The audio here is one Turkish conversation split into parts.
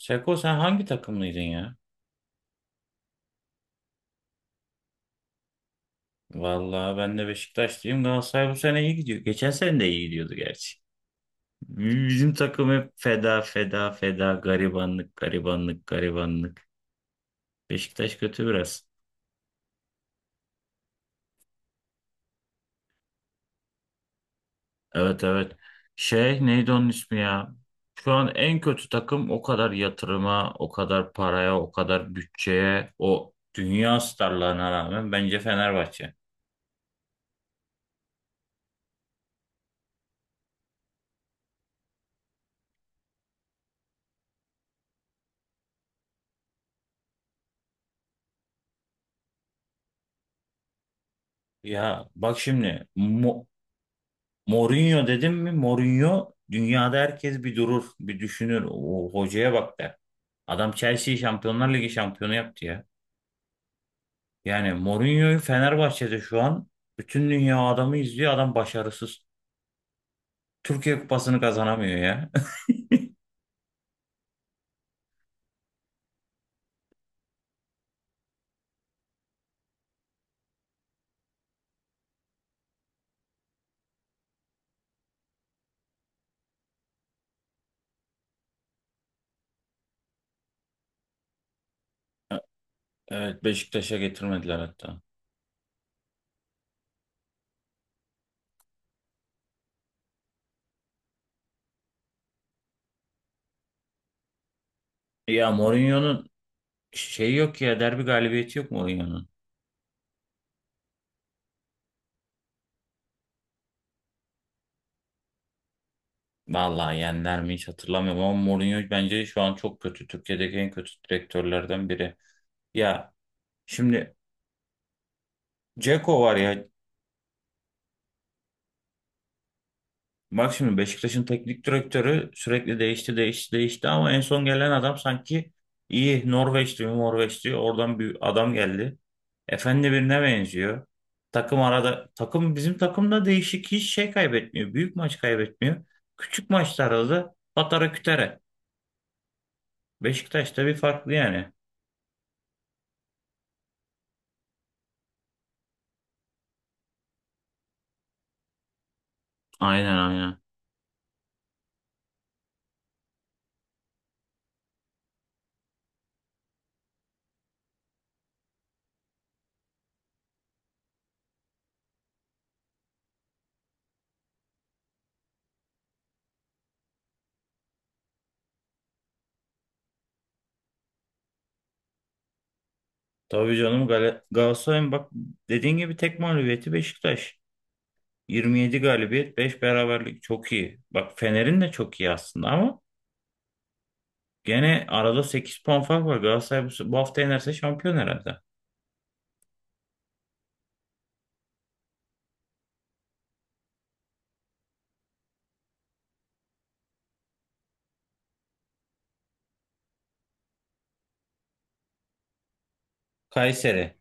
Seko sen hangi takımlıydın ya? Vallahi ben de Beşiktaşlıyım. Galatasaray bu sene iyi gidiyor. Geçen sene de iyi gidiyordu gerçi. Bizim takım hep feda feda feda garibanlık garibanlık garibanlık. Beşiktaş kötü biraz. Evet, evet. Şey neydi onun ismi ya? Şu an en kötü takım, o kadar yatırıma, o kadar paraya, o kadar bütçeye, o dünya starlarına rağmen bence Fenerbahçe. Ya bak şimdi, Mourinho dedim mi? Mourinho, dünyada herkes bir durur, bir düşünür. O hocaya bak der. Adam Chelsea'yi Şampiyonlar Ligi şampiyonu yaptı ya. Yani Mourinho'yu Fenerbahçe'de şu an bütün dünya adamı izliyor. Adam başarısız. Türkiye Kupası'nı kazanamıyor ya. Evet, Beşiktaş'a getirmediler hatta. Ya Mourinho'nun şeyi yok ya, derbi galibiyeti yok Mourinho'nun. Vallahi yendiler mi hiç hatırlamıyorum ama Mourinho bence şu an çok kötü. Türkiye'deki en kötü direktörlerden biri. Ya şimdi Ceko var ya. Bak şimdi, Beşiktaş'ın teknik direktörü sürekli değişti değişti değişti ama en son gelen adam sanki iyi. Norveç diyor Norveç diyor, oradan bir adam geldi. Efendi birine benziyor. Takım arada takım bizim takımda değişik hiç şey kaybetmiyor. Büyük maç kaybetmiyor. Küçük maçlarda da patara kütere. Beşiktaş'ta bir farklı yani. Aynen, aynen. Tabii canım, Galatasaray'ın bak, dediğin gibi tek mağlubiyeti Beşiktaş. 27 galibiyet, 5 beraberlik çok iyi. Bak Fener'in de çok iyi aslında ama gene arada 8 puan fark var. Galatasaray bu hafta yenerse şampiyon herhalde. Kayseri.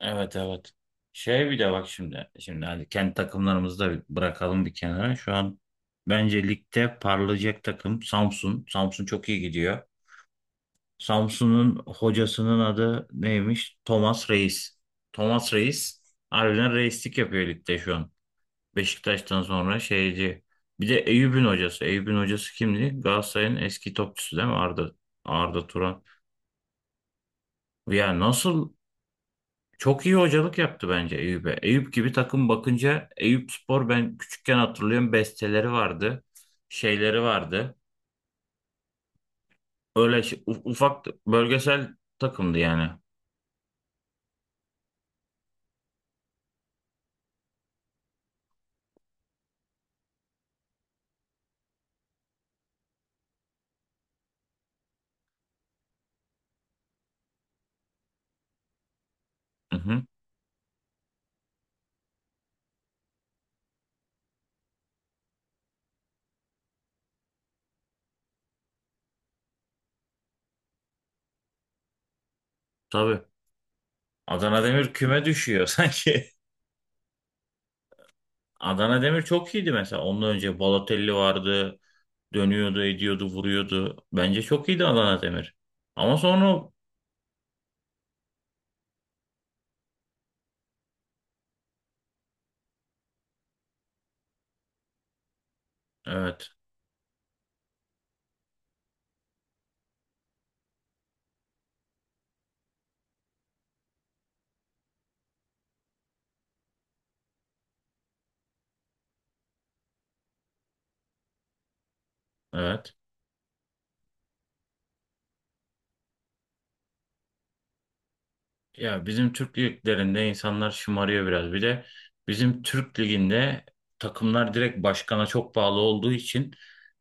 Evet, evet. Şey bir de bak şimdi. Şimdi hadi kendi takımlarımızı da bir bırakalım bir kenara. Şu an bence ligde parlayacak takım Samsun. Samsun çok iyi gidiyor. Samsun'un hocasının adı neymiş? Thomas Reis. Thomas Reis harbiden reislik yapıyor ligde şu an. Beşiktaş'tan sonra şeyci. Bir de Eyüp'ün hocası. Eyüp'ün hocası kimdi? Galatasaray'ın eski topçusu değil mi? Arda Turan. Ya nasıl çok iyi hocalık yaptı bence Eyüp'e. Eyüp gibi takım bakınca Eyüp Spor, ben küçükken hatırlıyorum besteleri vardı. Şeyleri vardı. Ufak bölgesel takımdı yani. Hı hı, tabii. Adana Demir küme düşüyor sanki. Adana Demir çok iyiydi mesela. Ondan önce Balotelli vardı. Dönüyordu, ediyordu, vuruyordu. Bence çok iyiydi Adana Demir. Ama sonra, evet, evet. Ya bizim Türk liglerinde insanlar şımarıyor biraz. Bir de bizim Türk liginde takımlar direkt başkana çok bağlı olduğu için,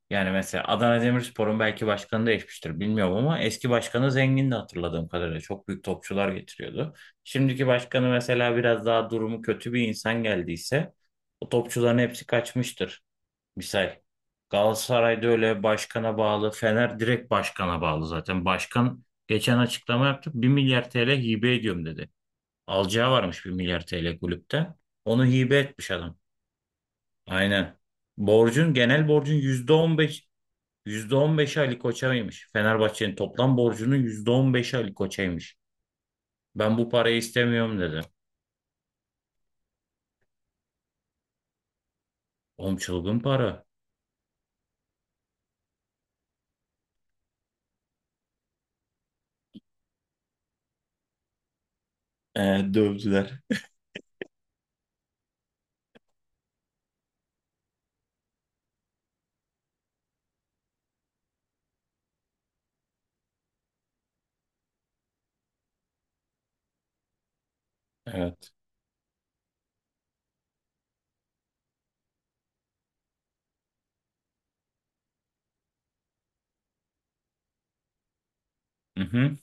yani mesela Adana Demirspor'un belki başkanı değişmiştir bilmiyorum ama eski başkanı zengindi hatırladığım kadarıyla. Çok büyük topçular getiriyordu. Şimdiki başkanı mesela biraz daha durumu kötü bir insan geldiyse, o topçuların hepsi kaçmıştır. Misal Galatasaray'da öyle başkana bağlı, Fener direkt başkana bağlı zaten. Başkan geçen açıklama yaptı. Bir milyar TL hibe ediyorum dedi. Alacağı varmış bir milyar TL kulüpten. Onu hibe etmiş adam. Aynen. Borcun, genel borcun, yüzde on beş, yüzde on, %15'i Ali Koç'aymış. Fenerbahçe'nin toplam borcunun %15'i Ali Koç'aymış. Ben bu parayı istemiyorum dedi. Oğlum çılgın para. Ee, dövdüler. Evet. Hı hı.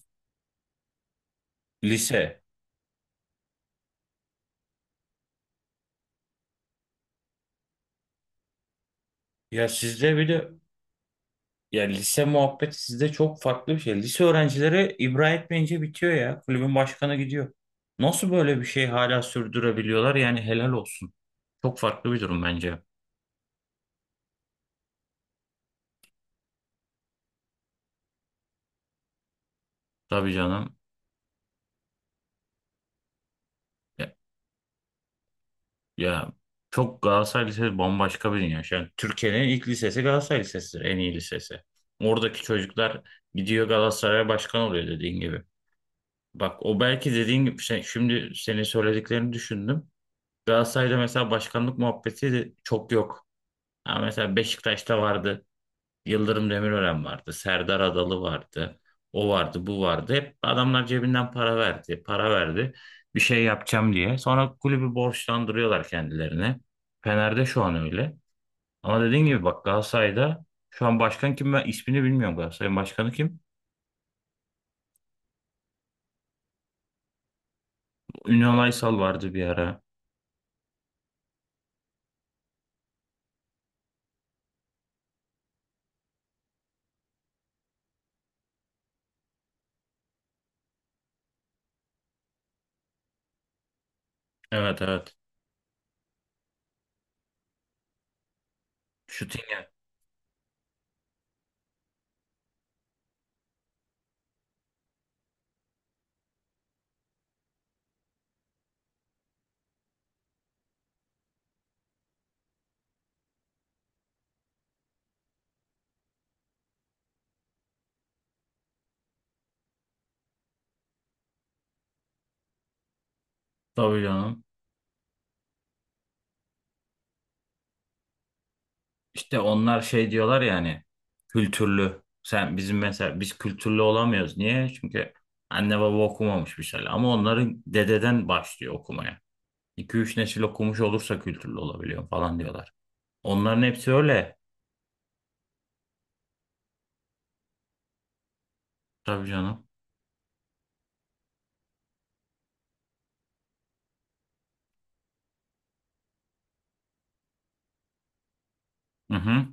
Lise. Ya sizde bir de Ya lise muhabbeti sizde çok farklı bir şey. Lise öğrencileri ibra etmeyince bitiyor ya. Kulübün başkanı gidiyor. Nasıl böyle bir şey hala sürdürebiliyorlar? Yani helal olsun. Çok farklı bir durum bence. Tabii canım. Ya, ya, çok Galatasaray Lisesi bambaşka bir dünya. Şu an Türkiye'nin ilk lisesi Galatasaray Lisesi'dir. En iyi lisesi. Oradaki çocuklar gidiyor Galatasaray'a başkan oluyor dediğin gibi. Bak o belki dediğin gibi şimdi senin söylediklerini düşündüm. Galatasaray'da mesela başkanlık muhabbeti de çok yok. Ha mesela Beşiktaş'ta vardı. Yıldırım Demirören vardı. Serdar Adalı vardı. O vardı, bu vardı. Hep adamlar cebinden para verdi, para verdi. Bir şey yapacağım diye. Sonra kulübü borçlandırıyorlar kendilerine. Fener'de şu an öyle. Ama dediğin gibi bak Galatasaray'da şu an başkan kim ben ismini bilmiyorum, Galatasaray'ın başkanı kim? Ünal Aysal vardı bir ara. Evet, evet. Şutingen. Tabii canım. İşte onlar şey diyorlar yani kültürlü. Sen bizim mesela biz kültürlü olamıyoruz. Niye? Çünkü anne baba okumamış bir şeyler. Ama onların dededen başlıyor okumaya. 2 üç nesil okumuş olursa kültürlü olabiliyor falan diyorlar. Onların hepsi öyle. Tabii canım. Hı hı.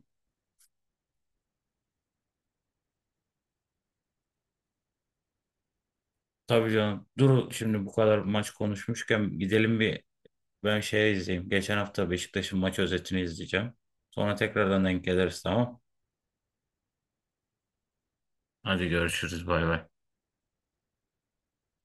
Tabii canım. Dur şimdi bu kadar maç konuşmuşken gidelim bir, ben şey izleyeyim. Geçen hafta Beşiktaş'ın maç özetini izleyeceğim. Sonra tekrardan denk geliriz, tamam. Hadi görüşürüz, bay bay.